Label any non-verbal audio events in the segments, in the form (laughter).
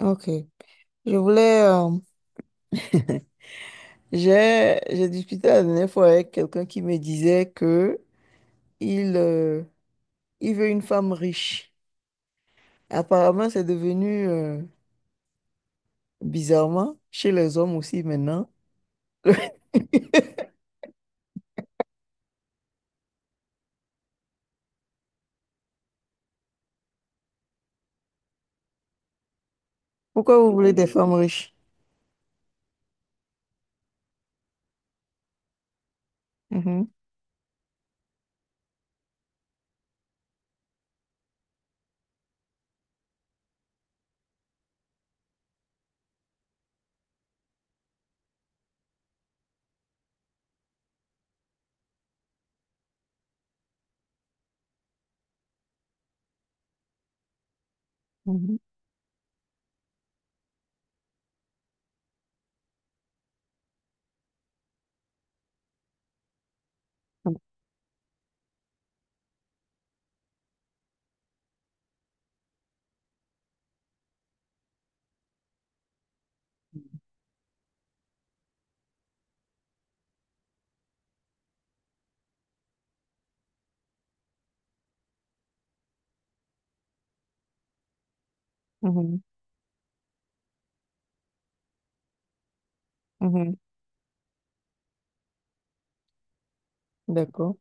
Ok. Je voulais. J'ai discuté la dernière fois avec quelqu'un qui me disait que il il veut une femme riche. Apparemment, c'est devenu bizarrement chez les hommes aussi maintenant. (laughs) Pourquoi vous voulez des femmes riches? Mhm, mhm, mhm, mhm, mhm. D'accord.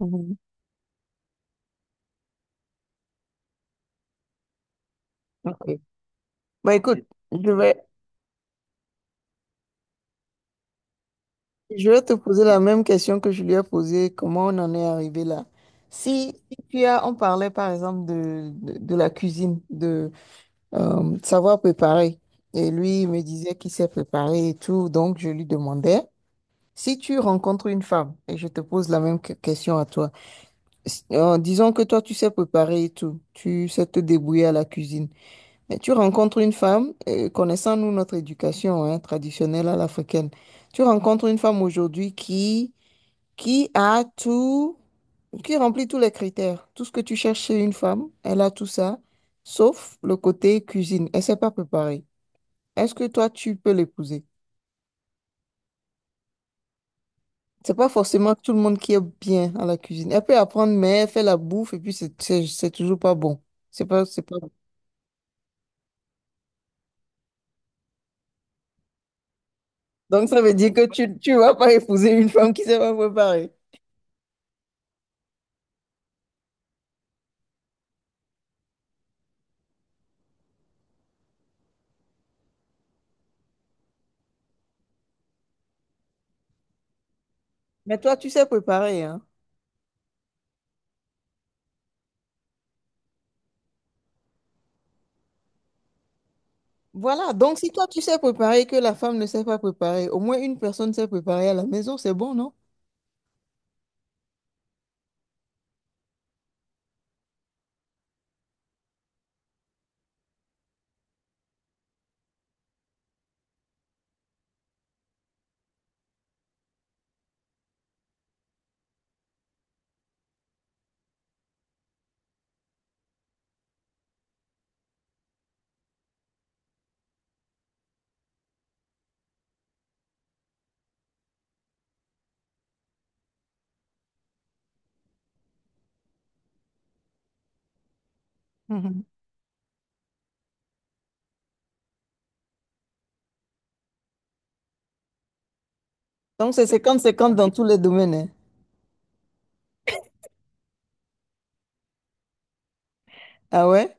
Mhm. Ok. Bah écoute, je vais Je vais te poser la même question que je lui ai posée, comment on en est arrivé là? Si tu as, on parlait par exemple de, de la cuisine, de savoir préparer, et lui il me disait qu'il sait préparer et tout, donc je lui demandais, si tu rencontres une femme, et je te pose la même question à toi, disons que toi tu sais préparer et tout, tu sais te débrouiller à la cuisine, mais tu rencontres une femme, connaissant nous notre éducation hein, traditionnelle à l'africaine, tu rencontres une femme aujourd'hui qui a tout, qui remplit tous les critères. Tout ce que tu cherches chez une femme, elle a tout ça, sauf le côté cuisine. Elle ne sait pas préparer. Est-ce que toi, tu peux l'épouser? C'est pas forcément tout le monde qui est bien à la cuisine. Elle peut apprendre, mais elle fait la bouffe et puis c'est toujours pas bon. C'est pas bon. Donc ça veut dire que tu vas pas épouser une femme qui sait pas préparer. Mais toi, tu sais préparer, hein. Voilà, donc si toi tu sais préparer et que la femme ne sait pas préparer, au moins une personne sait préparer à la maison, c'est bon, non? (laughs) Donc, c'est cinquante cinquante dans tous les domaines. Hein. Ah ouais?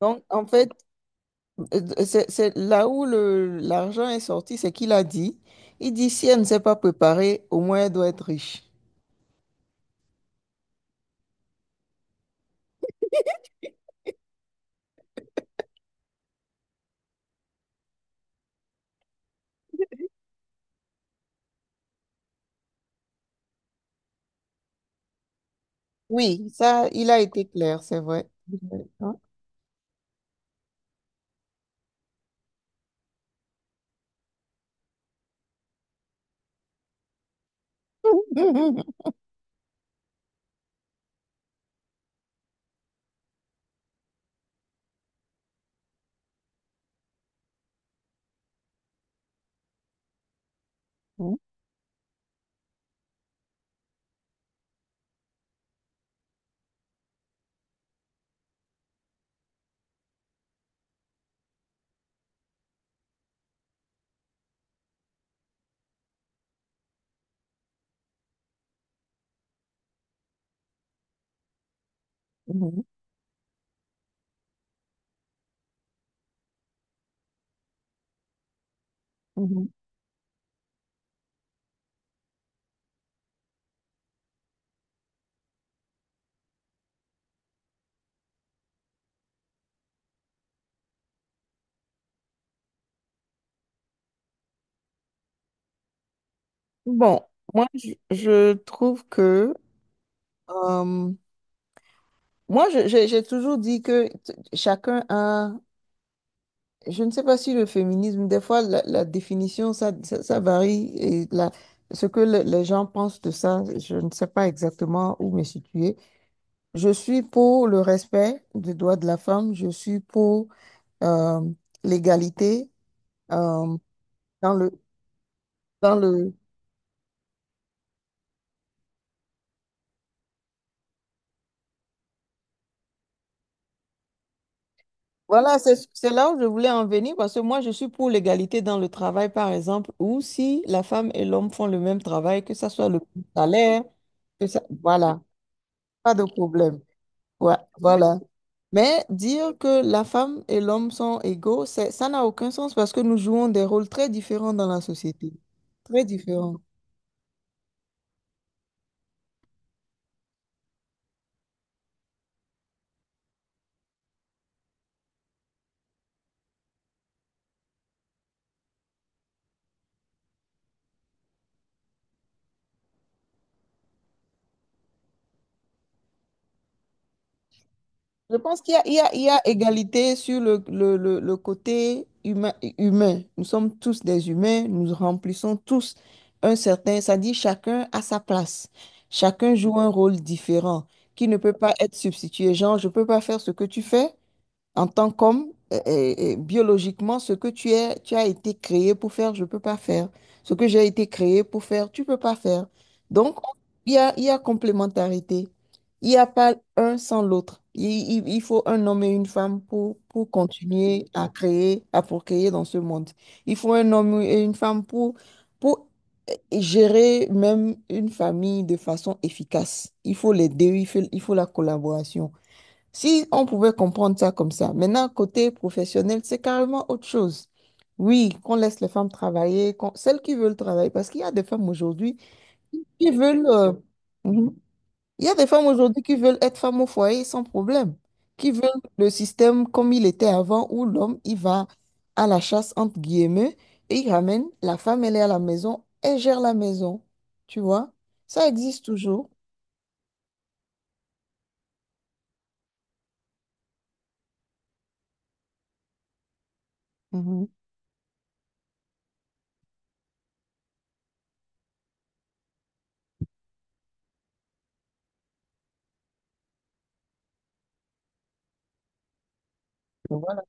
Donc, en fait, euh, c'est là où l'argent est sorti, c'est qu'il a dit. Il dit, si elle ne s'est pas préparée, au moins elle doit être riche. Oui, ça, il a été clair, c'est vrai. Hein? (laughs) Mhm. Mhm. Mhm. Bon, je trouve que... euh, moi, j'ai toujours dit que chacun a... Je ne sais pas si le féminisme, des fois, la définition, ça varie. Et ce que les gens pensent de ça, je ne sais pas exactement où me situer. Je suis pour le respect des droits de la femme. Je suis pour euh, l'égalité euh, dans le, dans le, Voilà, c'est là où je voulais en venir parce que moi, je suis pour l'égalité dans le travail, par exemple, ou si la femme et l'homme font le même travail, que ça soit le même salaire, que ça, voilà, pas de problème. Ouais, voilà. Mais dire que la femme et l'homme sont égaux, c'est, ça n'a aucun sens parce que nous jouons des rôles très différents dans la société. Très différents. Je pense qu'il y a, il y a égalité sur le côté humain, humain. Nous sommes tous des humains, nous remplissons tous un certain, ça dit chacun à sa place. Chacun joue un rôle différent qui ne peut pas être substitué. Genre, je ne peux pas faire ce que tu fais, en tant qu'homme, biologiquement, ce que tu es, tu as été créé pour faire, je ne peux pas faire. Ce que j'ai été créé pour faire, tu ne peux pas faire. Donc, il y a complémentarité. Il n'y a pas un sans l'autre. Il faut un homme et une femme pour continuer à créer, à procréer dans ce monde. Il faut un homme et une femme pour euh, gérer même une famille de façon efficace. Il faut les deux, il faut la collaboration. Si on pouvait comprendre ça comme ça. Maintenant, côté professionnel, c'est carrément autre chose. Oui, qu'on laisse les femmes travailler, celles qui veulent travailler, parce qu'il y a des femmes aujourd'hui qui veulent... mhm. Il y a des femmes aujourd'hui qui veulent être femmes au foyer sans problème, qui veulent le système comme il était avant, où l'homme, il va à la chasse, entre guillemets, et il ramène, la femme, elle est à la maison, elle gère la maison. Tu vois? Ça existe toujours. Mhm. Voilà.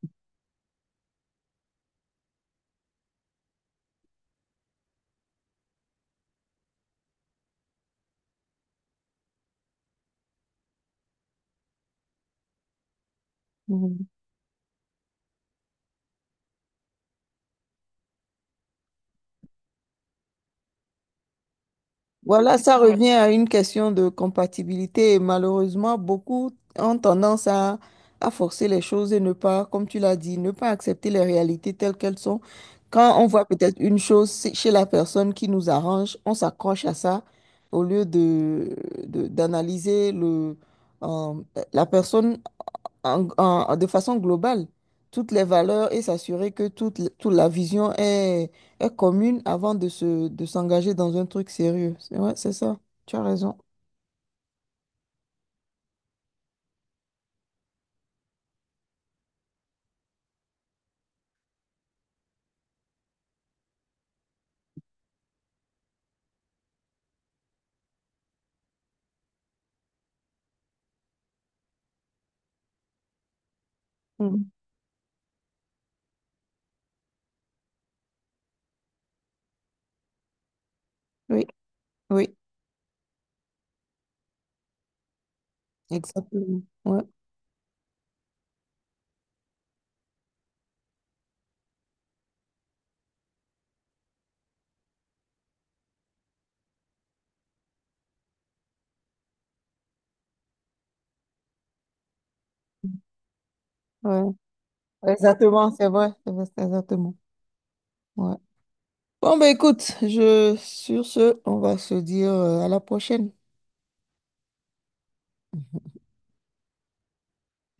Voilà, ça revient à une question de compatibilité et malheureusement, beaucoup ont tendance à forcer les choses et ne pas, comme tu l'as dit, ne pas accepter les réalités telles qu'elles sont. Quand on voit peut-être une chose chez la personne qui nous arrange, on s'accroche à ça au lieu de, d'analyser le, euh, la personne de façon globale toutes les valeurs et s'assurer que toute, toute la vision est, est commune avant de se, de s'engager dans un truc sérieux. C'est- Ouais, c'est ça. Tu as raison. Mm. Oui, oui, exactement. Ouais, ouais. Exactement, c'est vrai. C'est vrai, c'est exactement. Ouais. Bon, ben écoute, je, sur ce, on va se dire à la prochaine.